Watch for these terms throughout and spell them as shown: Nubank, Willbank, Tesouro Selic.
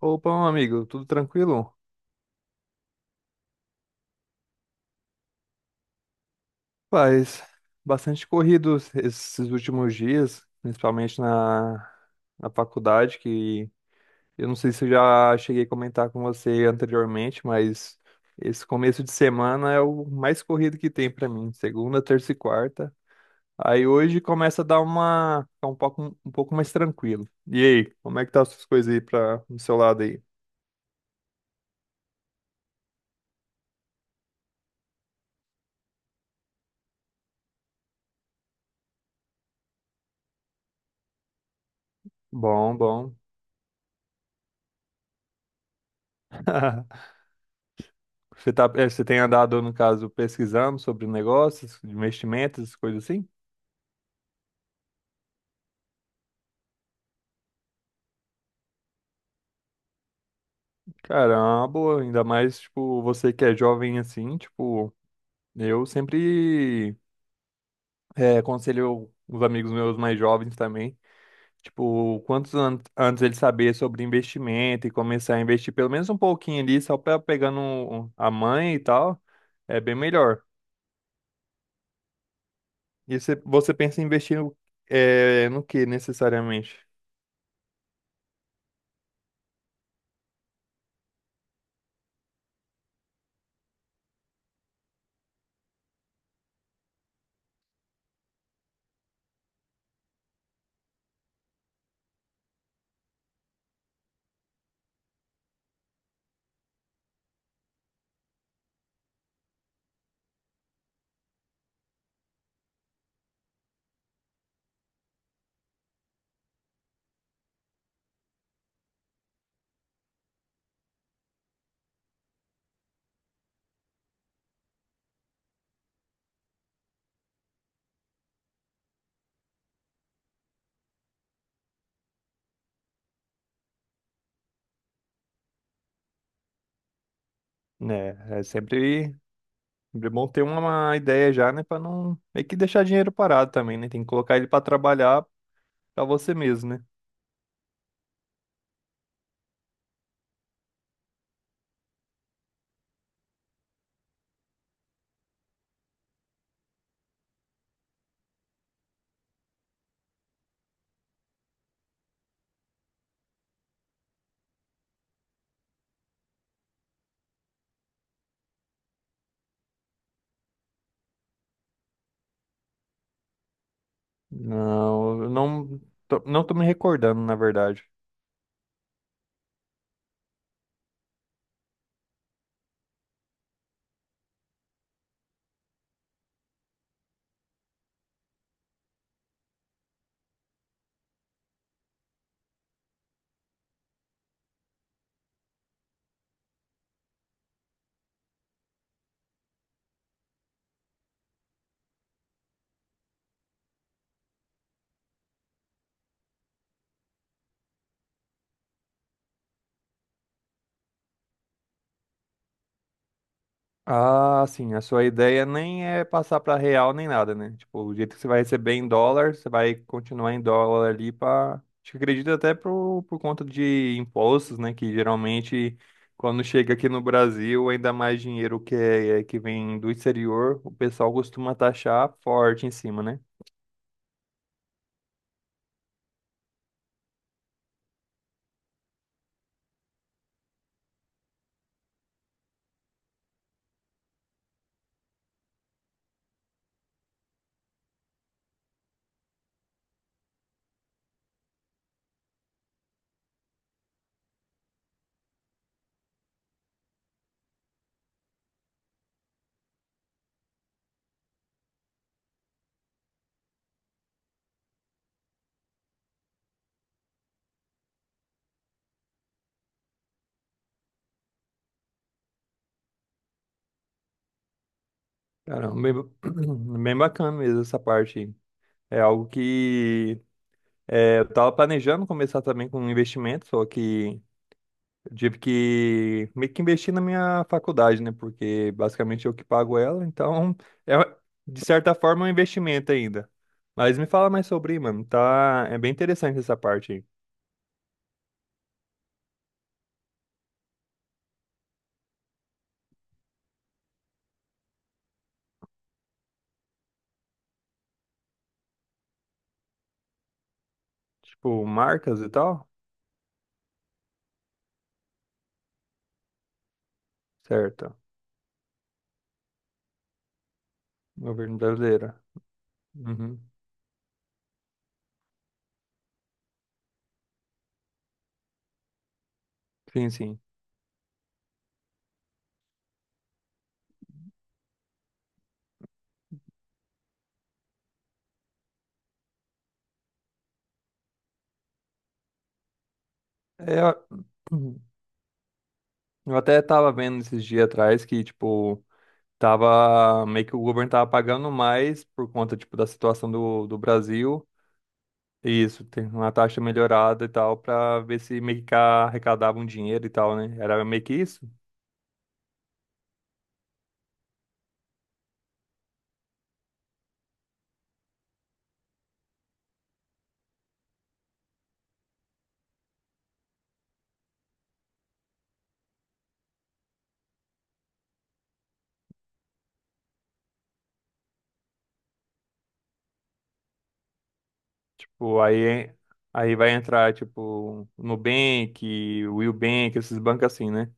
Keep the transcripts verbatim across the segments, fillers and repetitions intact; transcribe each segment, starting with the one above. Opa, meu amigo, tudo tranquilo? Paz, bastante corrido esses últimos dias, principalmente na, na faculdade, que eu não sei se eu já cheguei a comentar com você anteriormente, mas esse começo de semana é o mais corrido que tem pra mim, segunda, terça e quarta. Aí hoje começa a dar uma, ficar um pouco, um pouco mais tranquilo. E aí, como é que tá as suas coisas aí pra, do seu lado aí? Bom, bom. Você tá, é, você tem andado, no caso, pesquisando sobre negócios, investimentos, coisas assim? Caramba, ainda mais, tipo, você que é jovem assim, tipo, eu sempre é, aconselho os amigos meus mais jovens também, tipo, quantos an antes eles saber sobre investimento e começar a investir pelo menos um pouquinho ali, só para pegando um- a mãe e tal, é bem melhor. E você, você pensa em investir no, é, no que necessariamente? Né, é sempre. É bom ter uma ideia já, né? Pra não meio que deixar dinheiro parado também, né? Tem que colocar ele pra trabalhar pra você mesmo, né? Não, eu não tô, não tô me recordando, na verdade. Ah, sim, a sua ideia nem é passar pra real nem nada, né? Tipo, o jeito que você vai receber em dólar, você vai continuar em dólar ali. Para Acho que acredito até por, por conta de impostos, né? Que geralmente quando chega aqui no Brasil, ainda mais dinheiro que, é, é, que vem do exterior, o pessoal costuma taxar forte em cima, né? Caramba, bem, ba- bem bacana mesmo essa parte aí. É algo que é, eu tava planejando começar também com um investimento, só que eu tive que meio que investir na minha faculdade, né? Porque basicamente eu que pago ela, então é, de certa forma é um investimento ainda. Mas me fala mais sobre, mano. Tá, é bem interessante essa parte aí. Tipo, marcas e tal? Certo. Governo brasileiro. Uhum. Sim, sim. É, eu eu até tava vendo esses dias atrás que, tipo, tava meio que o governo tava pagando mais por conta, tipo, da situação do, do Brasil. E isso, tem uma taxa melhorada e tal, pra ver se meio que arrecadava um dinheiro e tal, né? Era meio que isso. Tipo, aí, aí, vai entrar, tipo, Nubank, Willbank, esses bancos assim, né?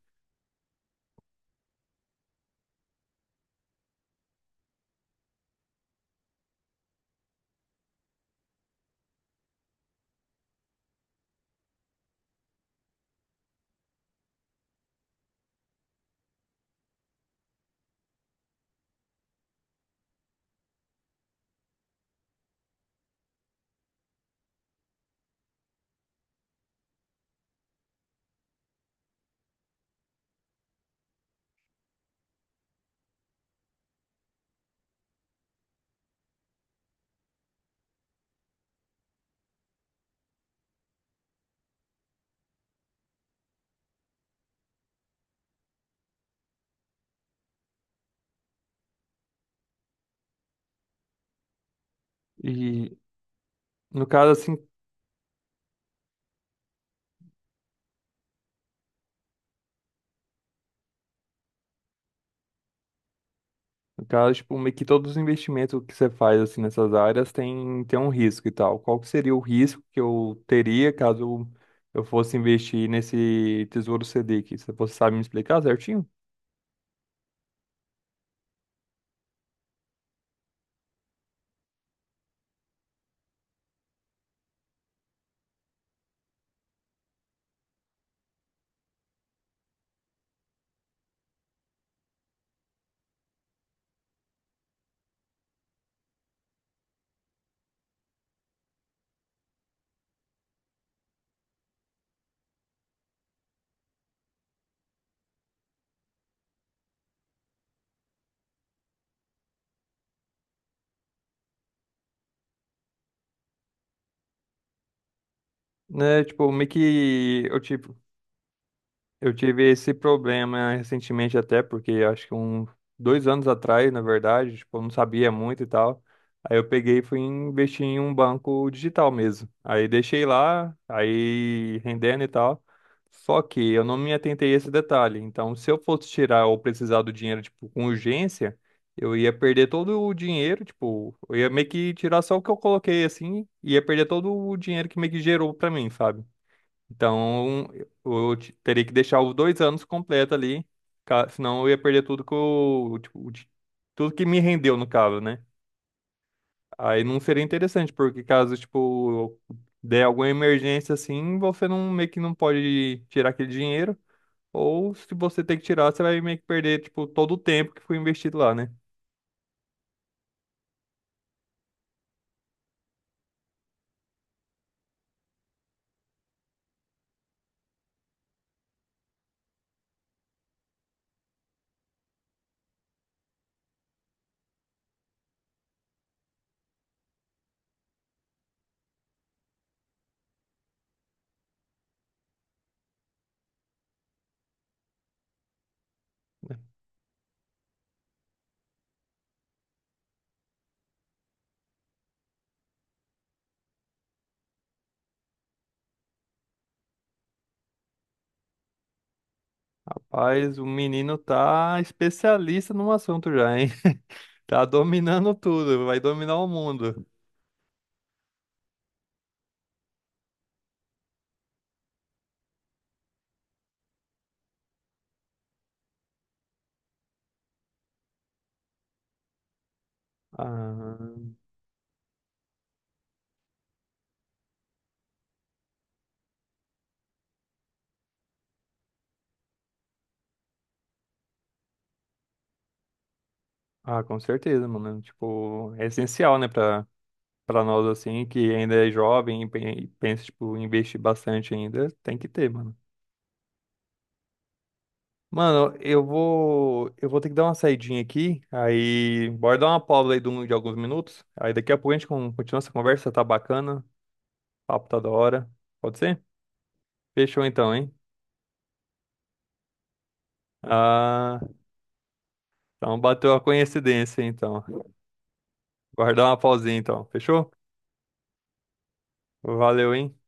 E no caso, assim, No caso, tipo, meio que todos os investimentos que você faz assim nessas áreas tem, tem um risco e tal. Qual que seria o risco que eu teria caso eu eu fosse investir nesse Tesouro Selic? Se Você sabe me explicar certinho? Né, tipo, meio que eu tive Eu tive esse problema recentemente até, porque acho que um, dois anos atrás, na verdade, tipo, eu não sabia muito e tal. Aí eu peguei e fui investir em um banco digital mesmo. Aí deixei lá, aí rendendo e tal. Só que eu não me atentei a esse detalhe. Então, se eu fosse tirar ou precisar do dinheiro, tipo, com urgência, eu ia perder todo o dinheiro, tipo, eu ia meio que tirar só o que eu coloquei assim, e ia perder todo o dinheiro que meio que gerou pra mim, sabe? Então, eu te- teria que deixar os dois anos completo ali, ca- senão eu ia perder tudo que eu, tipo, de- tudo que me rendeu, no caso, né? Aí não seria interessante, porque caso, tipo, der alguma emergência assim, você não, meio que não pode tirar aquele dinheiro, ou se você tem que tirar, você vai meio que perder, tipo, todo o tempo que foi investido lá, né? Rapaz, o menino tá especialista no assunto já, hein? Tá dominando tudo, vai dominar o mundo. Ah. Ah, com certeza, mano. Tipo, é essencial, né, pra, pra nós, assim, que ainda é jovem e pen- e pensa, tipo, em investir bastante ainda, tem que ter, mano. Mano, eu vou, eu vou ter que dar uma saidinha aqui, aí bora dar uma pausa aí de, um- de alguns minutos, aí daqui a pouco a gente con- continua essa conversa, tá bacana, o papo tá da hora, pode ser? Fechou então, hein? Ah, então bateu a coincidência, então. Bora dar uma pausinha, então, fechou? Valeu, hein?